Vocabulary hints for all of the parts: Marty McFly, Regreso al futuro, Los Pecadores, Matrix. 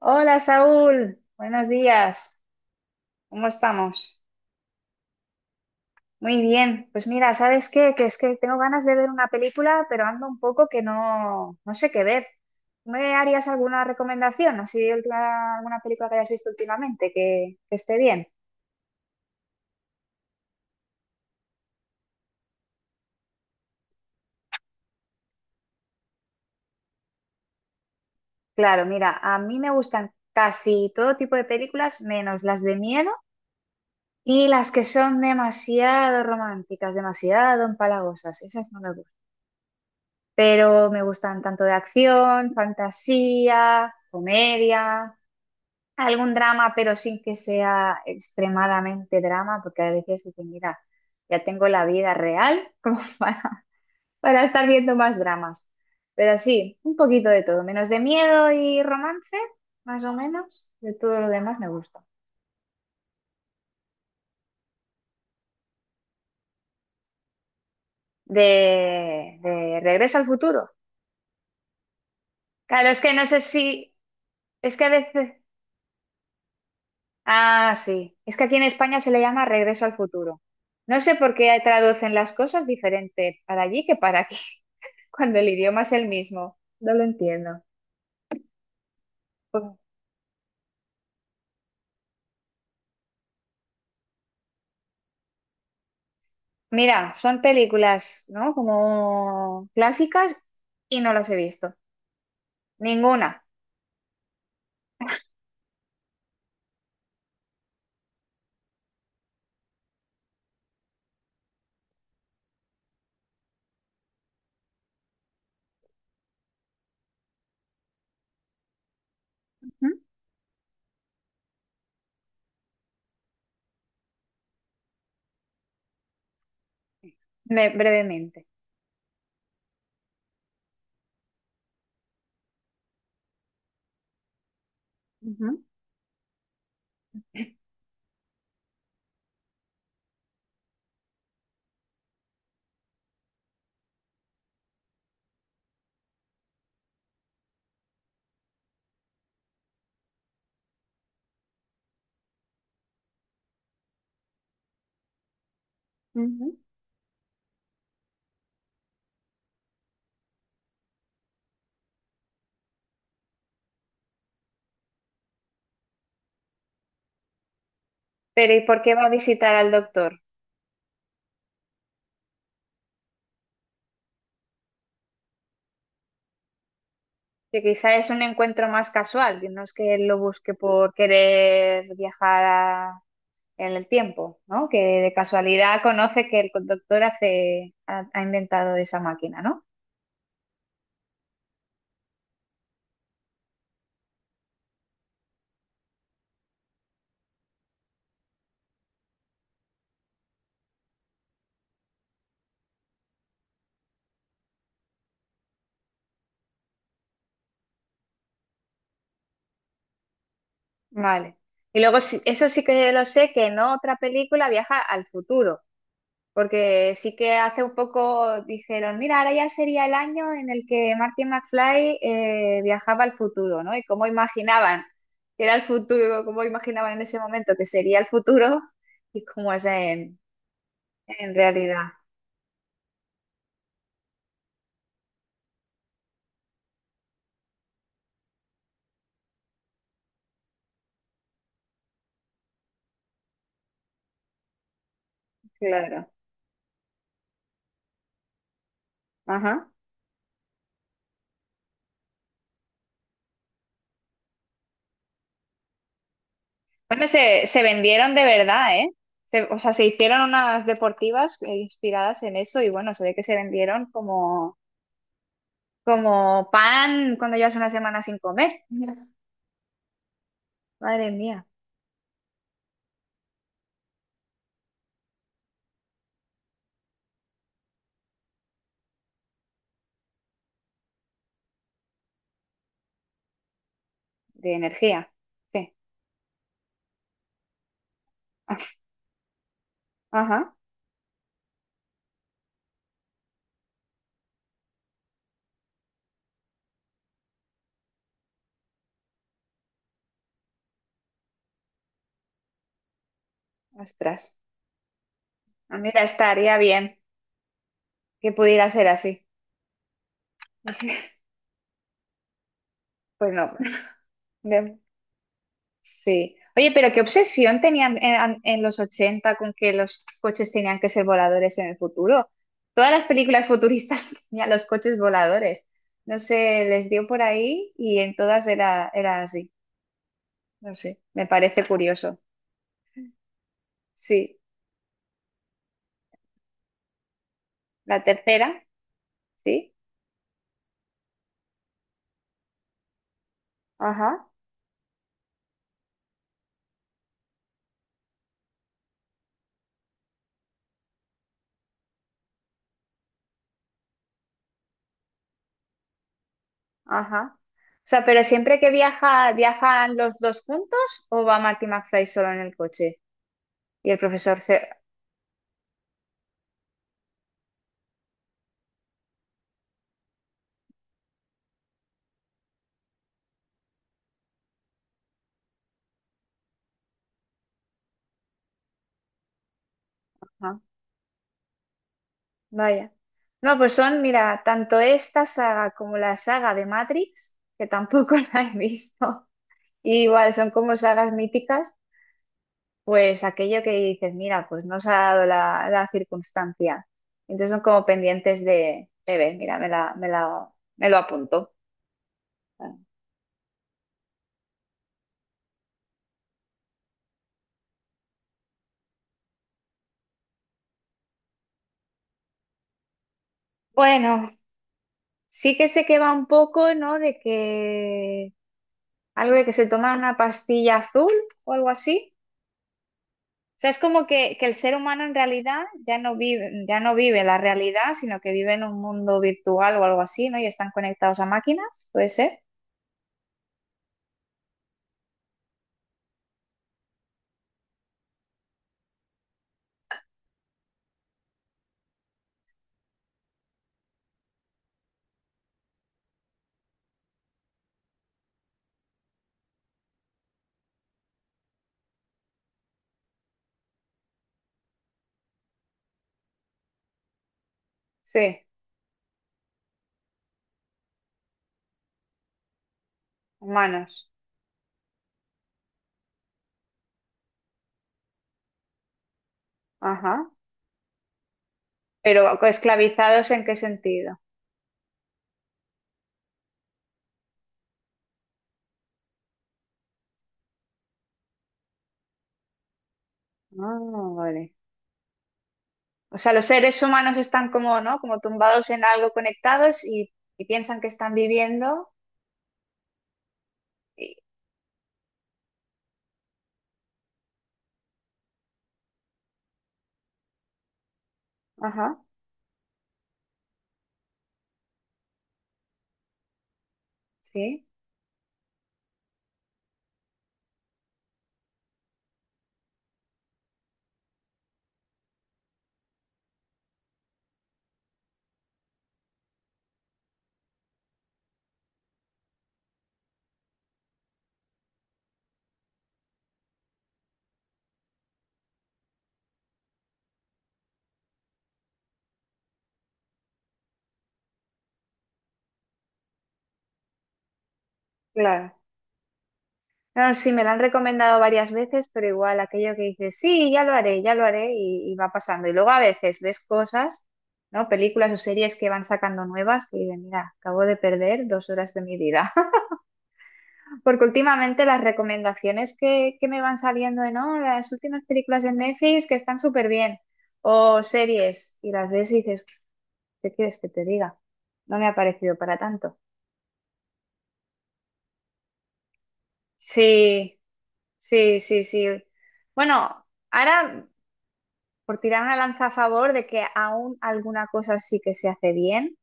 Hola Saúl, buenos días, ¿cómo estamos? Muy bien, pues mira, ¿sabes qué? Que es que tengo ganas de ver una película, pero ando un poco que no sé qué ver. ¿Me harías alguna recomendación? ¿Alguna película que hayas visto últimamente que esté bien? Claro, mira, a mí me gustan casi todo tipo de películas, menos las de miedo y las que son demasiado románticas, demasiado empalagosas. Esas no me gustan. Pero me gustan tanto de acción, fantasía, comedia, algún drama, pero sin que sea extremadamente drama, porque a veces dicen, mira, ya tengo la vida real como para estar viendo más dramas. Pero sí, un poquito de todo, menos de miedo y romance, más o menos, de todo lo demás me gusta. De Regreso al futuro. Claro, es que no sé si, es que a veces… Ah, sí. Es que aquí en España se le llama Regreso al futuro. No sé por qué traducen las cosas diferente para allí que para aquí, cuando el idioma es el mismo. No lo entiendo. Pues, mira, son películas, ¿no? Como clásicas, y no las he visto. Ninguna. Ujú, brevemente. Ujú, ujú. Pero ¿y por qué va a visitar al doctor? Que quizá es un encuentro más casual, que no es que él lo busque por querer viajar a en el tiempo, ¿no? Que de casualidad conoce que el conductor hace, ha inventado esa máquina, ¿no? Vale. Y luego, eso sí que lo sé, que en otra película viaja al futuro, porque sí que hace un poco dijeron, mira, ahora ya sería el año en el que Martin McFly viajaba al futuro, ¿no? Y cómo imaginaban que era el futuro, cómo imaginaban en ese momento que sería el futuro y cómo es en realidad. Claro. Ajá. Bueno, se vendieron de verdad, ¿eh? O sea, se hicieron unas deportivas inspiradas en eso y bueno, se ve que se vendieron como, como pan cuando llevas una semana sin comer. Madre mía, de energía. Sí. Ajá. Ostras. Ah, mira, estaría bien que pudiera ser así. Pues no. Sí. Oye, pero qué obsesión tenían en, en los 80 con que los coches tenían que ser voladores en el futuro. Todas las películas futuristas tenían los coches voladores. No sé, les dio por ahí y en todas era así. No sé, me parece curioso. Sí. La tercera, sí. Ajá, ajá. O sea, pero siempre que viaja, ¿viajan los dos juntos o va Marty McFly solo en el coche? Y el profesor se… Ajá. Vaya. No, pues son, mira, tanto esta saga como la saga de Matrix, que tampoco la he visto, y igual son como sagas míticas, pues aquello que dices, mira, pues no se ha dado la circunstancia. Entonces son como pendientes de ver, mira, me lo apunto. Bueno, sí que sé que va un poco, ¿no? De que algo de que se toma una pastilla azul o algo así. O sea, es como que el ser humano en realidad ya no vive la realidad, sino que vive en un mundo virtual o algo así, ¿no? Y están conectados a máquinas, ¿puede ser? Sí, humanos. Ajá. Pero esclavizados ¿en qué sentido? Ah, vale. O sea, los seres humanos están como, ¿no? Como tumbados en algo conectados y piensan que están viviendo. Y… Ajá, sí, claro. No, sí, me la han recomendado varias veces, pero igual aquello que dices, sí, ya lo haré, y va pasando. Y luego a veces ves cosas, ¿no? Películas o series que van sacando nuevas que dices, mira, acabo de perder dos horas de mi vida. Porque últimamente las recomendaciones que me van saliendo de, no, las últimas películas de Netflix que están súper bien, o series, y las ves y dices, ¿qué quieres que te diga? No me ha parecido para tanto. Sí, sí, sí, sí. Bueno, ahora, por tirar una lanza a favor de que aún alguna cosa sí que se hace bien.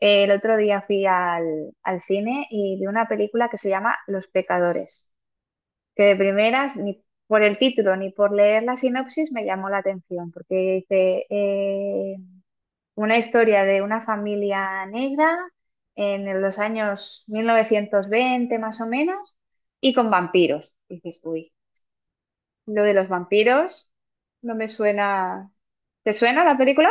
El otro día fui al cine y vi una película que se llama Los Pecadores, que de primeras, ni por el título ni por leer la sinopsis, me llamó la atención, porque dice una historia de una familia negra en los años 1920 más o menos, y con vampiros. Y dices, uy, lo de los vampiros no me suena. ¿Te suena la película?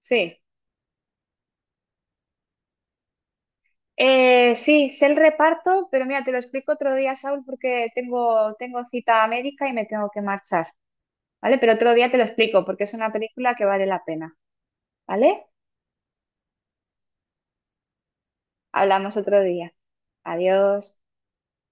Sí, sí, sé el reparto, pero mira, te lo explico otro día, Saúl, porque tengo, tengo cita médica y me tengo que marchar, ¿vale? Pero otro día te lo explico, porque es una película que vale la pena, ¿vale? Hablamos otro día. Adiós.